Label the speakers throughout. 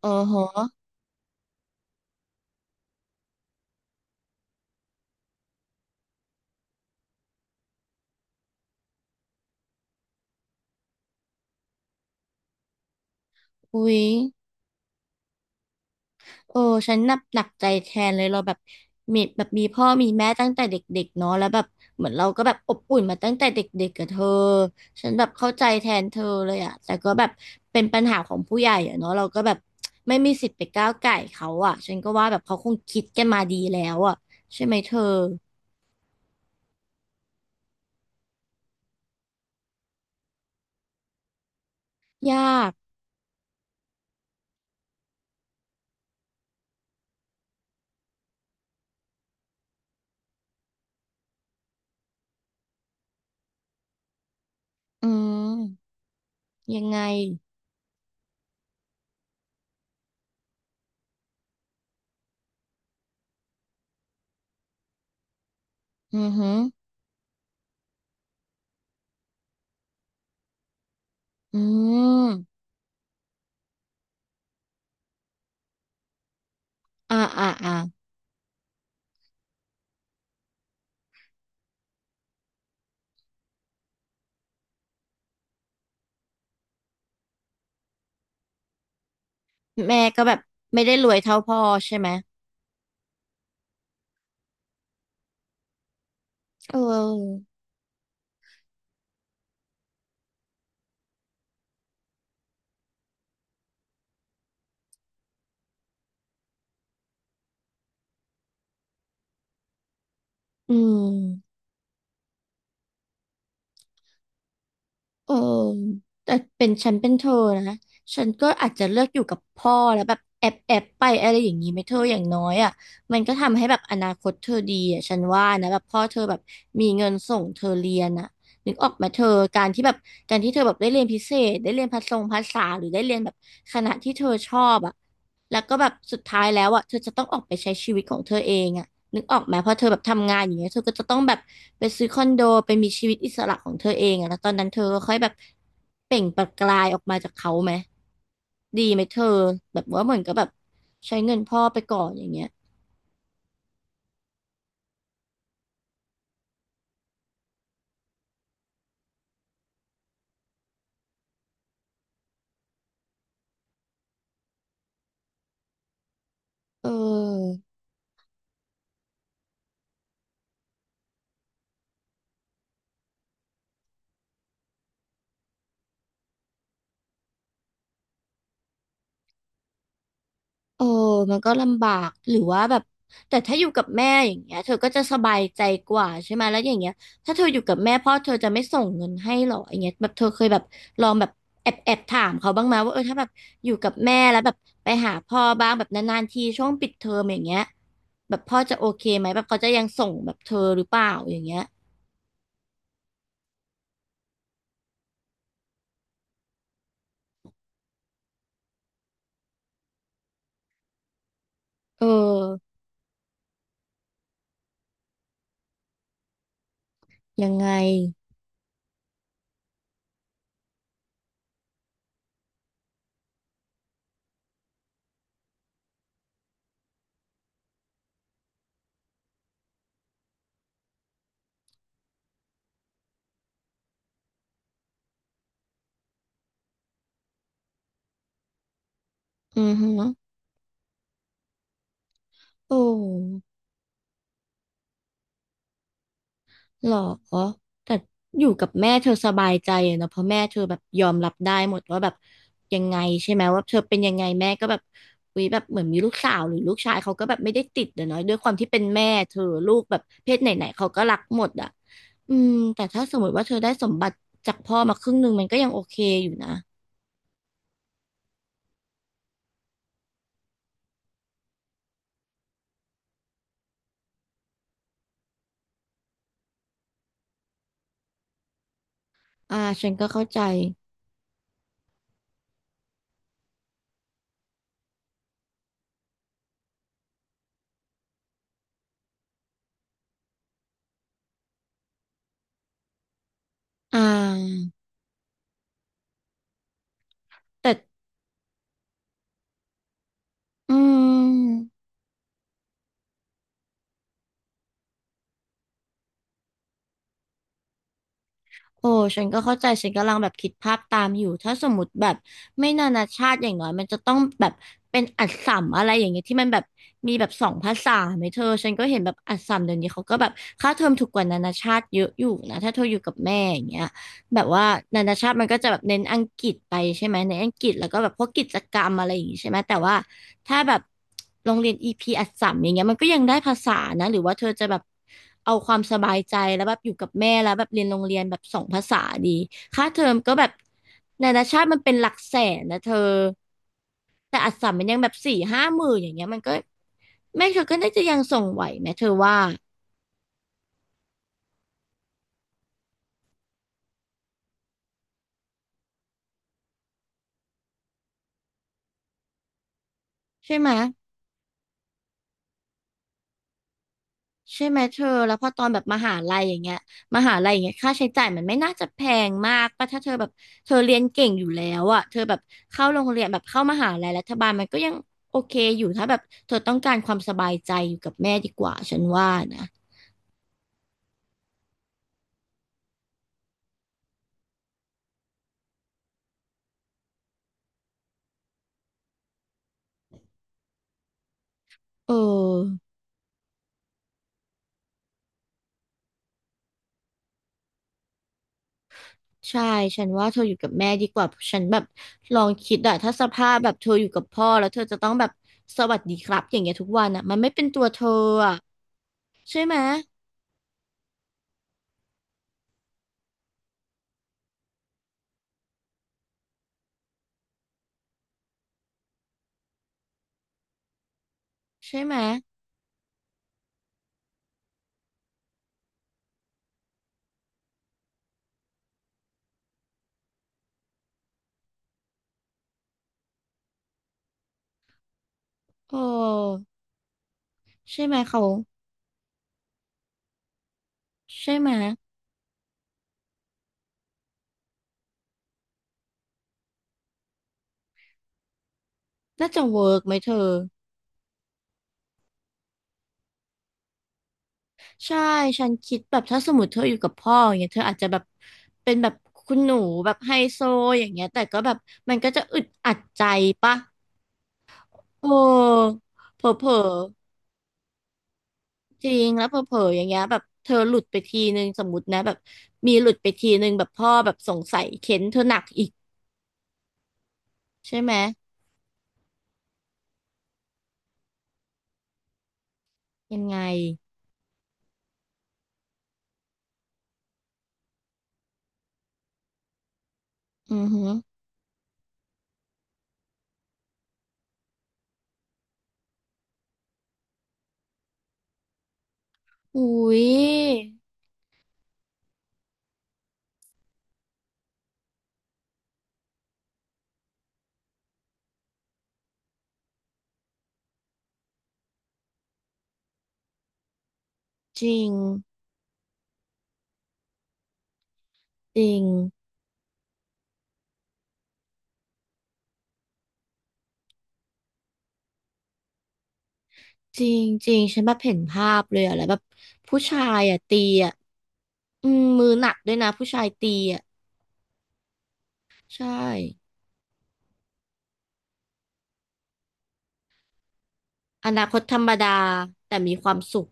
Speaker 1: โออฮะอุ๊ยเออฉันนับหนักใจแทนเลยเราแบบมีพ่อมีแม่ตั้งแต่เด็กๆเนาะแล้วแบบเหมือนเราก็แบบอบอุ่นมาตั้งแต่เด็กๆกับเธอฉันแบบเข้าใจแทนเธอเลยอะแต่ก็แบบเป็นปัญหาของผู้ใหญ่อะเนาะเราก็แบบไม่มีสิทธิ์ไปก้าวก่ายเขาอะฉันก็ว่าแบบเขาคงคิดกันมาดีแล้วอะใช่ไหมเธอยากอืมยังไงอือหืออืมอ่าอ่าอ่าแม่ก็แบบไม่ได้รวยเท่าพ่อใช่ไหม เอออืมเออแต่เป็นฉันเป็นเธอนะฉันก็อาจจะเลือกอยู่กับพ่อแล้วแบบแอบไปอะไรอย่างนี้ไหมเธออย่างน้อยอ่ะมันก็ทำให้แบบอนาคตเธอดีอ่ะฉันว่านะแบบพ่อเธอแบบมีเงินส่งเธอเรียนอ่ะนึกออกไหมเธอการที่แบบการที่เธอแบบได้เรียนพิเศษได้เรียนภาษาหรือได้เรียนแบบคณะที่เธอชอบอ่ะแล้วก็แบบสุดท้ายแล้วอ่ะเธอจะต้องออกไปใช้ชีวิตของเธอเองอ่ะ นึกออกไหมเพราะเธอแบบทำงานอย่างเงี้ยเธอก็จะต้องแบบไปซื้อคอนโดไปมีชีวิตอิสระของเธอเองอะแล้วตอนนั้นเธอก็ค่อยแบบเปล่งประกายออกมาจากเขาไหมดีไหมเธอแบบว่าเหมือนกับแบบใช้เงินพ่อไปก่อนอย่างเงี้ยเออ เออมันก็ลำบาก หรือว่าแบบแต่ถ้าอยู่กับแม่อย่างเงี้ยเธอก็จะสบายใจกว่าใช่ไหมแล้วอย่างเงี้ยถ้าเธออยู่กับแม่พ่อเธอจะไม่ส่งเงินให้หรออย่างเงี้ยแบบเธอเคยแบบลองแบบแอบถามเขาบ้างไหมว่าเออถ้าแบบอยู่กับแม่แล้วแบบไปหาพ่อบ้างแบบนานๆทีช่วงปิดเทอมอย่างเงี้ยแบบพ่อจะโอเคไหมแบบเขาจะยังส่งแบบเธอหรือเปล่าอย่างเงี้ยเออยังไงอือฮึโอ้ หรอแต่อยู่กับแม่เธอสบายใจอะเนอะเพราะแม่เธอแบบยอมรับได้หมดว่าแบบยังไงใช่ไหมว่าเธอเป็นยังไงแม่ก็แบบวิแบบเหมือนมีลูกสาวหรือลูกชายเขาก็แบบไม่ได้ติดอะเนอะด้วยความที่เป็นแม่เธอลูกแบบเพศไหนๆเขาก็รักหมดอ่ะอืมแต่ถ้าสมมติว่าเธอได้สมบัติจากพ่อมาครึ่งหนึ่งมันก็ยังโอเคอยู่นะอ่าฉันก็เข้าใจอ่าแต่อืม โอ้ฉันก็เข้าใจฉันกำลังแบบคิดภาพตามอยู่ถ้าสมมติแบบไม่นานาชาติอย่างน้อยมันจะต้องแบบเป็นอัสสัมอะไรอย่างเงี้ยที่มันแบบมีแบบสองภาษาไหมเธอฉันก็เห็นแบบอัสสัมเดี๋ยวนี้เขาก็แบบค่าเทอมถูกกว่านานาชาติเยอะอยู่นะถ้าเธออยู่กับแม่อย่างเงี้ย แบบว่านานาชาติมันก็จะแบบเน้นอังกฤษไปใช่ไหมในนอังกฤษแล้วก็แบบพวกกิจกรรมอะไรอย่างงี้ใช่ไหมแต่ว่าถ้าแบบโรงเรียนอีพีอัสสัมอย่างเงี้ยมันก็ยังได้ภาษานะหรือว่าเธอจะแบบเอาความสบายใจแล้วแบบอยู่กับแม่แล้วแบบเรียนโรงเรียนแบบสองภาษาดีค่าเทอมก็แบบนานาชาติมันเป็นหลักแสนนะเธอแต่อัสสัมมันยังแบบสี่ห้าหมื่นอย่างเงี้ยมันก็แม่เธอก็น่าจะยังส่งไหวไหมเธอว่าใช่ไหม ใช่ไหมเธอแล้วพอตอนแบบมหาลัยอย่างเงี้ยมหาลัยอย่างเงี้ยค่าใช้จ่ายมันไม่น่าจะแพงมากป่ะถ้าเธอแบบเธอเรียนเก่งอยู่แล้วอ่ะเธอแบบเข้าโรงเรียนแบบเข้ามหาลัยรัฐบาลมันก็ยังโอเคอยู่ถ้าแบบเธอต้องการความสบายใจอยู่กับแม่ดีกว่าฉันว่านะเออใช่ฉันว่าเธออยู่กับแม่ดีกว่าฉันแบบลองคิดอะถ้าสภาพแบบเธออยู่กับพ่อแล้วเธอจะต้องแบบสวัสดีครับอย่างเงี้ยทุกวันอะมันไม่เป็นตัวเธออะใช่ไหมใช่ไหมโอ้ใช่ไหมเขา ใช่ไหมน่าจะเวิร์กไหมเธอ ใช่ฉันคิดแบบถ้าสมมติเธออยู่กับพ่ออย่างเงี้ยเธออาจจะแบบเป็นแบบคุณหนูแบบไฮโซอย่างเงี้ยแต่ก็แบบมันก็จะอึดอัดใจปะโอ้เผลอจริงแล้วเผลออย่างเงี้ยแบบเธอหลุดไปทีนึงสมมตินะแบบมีหลุดไปทีนึงแบบพ่อแบบสงสัยเค้นเธอหนักอีกใช่ไหมยังไงอือหืออุ้ยจริงจริง จริงจริงฉันแบบเห็นภาพเลยอะแล้วแบบผู้ชายอะตีอะอืมมือหนักด้วยนะผู้ชายตีอะใช่อนาคตธรรมดาแต่มีความสุข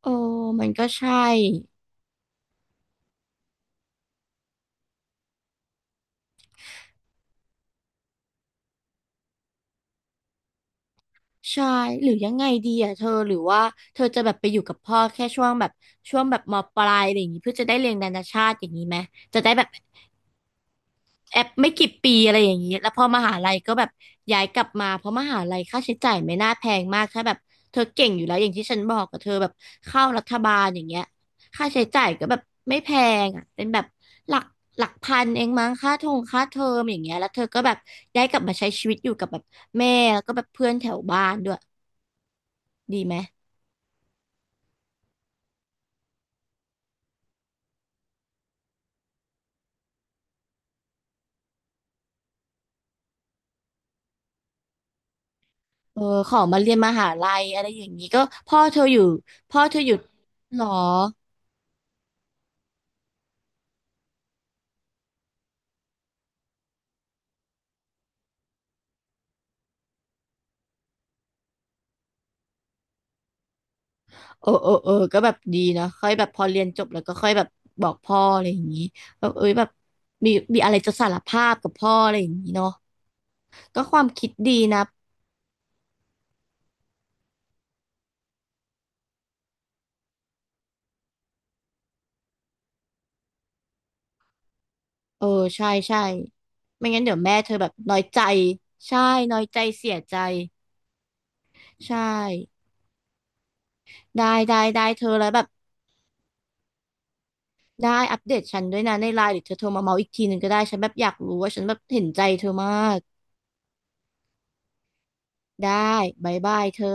Speaker 1: โอ้มันก็ใช่ใช่หรือยังไงดีอะเธอหรือว่าเธอจะแบบไปอยู่กับพ่อแค่ช่วงแบบมปลายอะไรอย่างงี้เพื่อจะได้เรียนนานาชาติอย่างนี้ไหมจะได้แบบ แอปไม่กี่ปีอะไรอย่างนี้แล้วพอมหาลัยก็แบบย้ายกลับมาเพราะมหาลัยค่าใช้จ่ายไม่น่าแพงมากถ้าแบบเธอเก่งอยู่แล้วอย่างที่ฉันบอกกับเธอแบบเข้ารัฐบาลอย่างเงี้ยค่าใช้จ่ายก็แบบไม่แพงอ่ะเป็นแบบหลักพันเองมั้งค่าทงค่าเทอมอย่างเงี้ยแล้วเธอก็แบบย้ายกลับมาใช้ชีวิตอยู่กับแบบแม่แล้วก็แบบเพื่อนแถวบ้านด้วยดีไหมเออขอมาเรียนมหาลัยอะไรอย่างนี้ก็พ่อเธออยู่พ่อเธออยู่หรอ เออเออเออก็แบบดีนะค่อยแบบพอเรียนจบแล้วก็ค่อยแบบบอกพ่ออะไรอย่างนี้แบบเอ้ยแบบมีอะไรจะสารภาพกับพ่ออะไรอย่างนี้เนาะก็ความคิดดีนะเออใช่ไม่งั้นเดี๋ยวแม่เธอแบบน้อยใจใช่น้อยใจเสียใจใช่ได้เธอแล้วแบบได้อัปเดตฉันด้วยนะในไลน์หรือเธอโทรมาเมาอีกทีหนึ่งก็ได้ฉันแบบอยากรู้ว่าฉันแบบเห็นใจเธอมากได้บายบายเธอ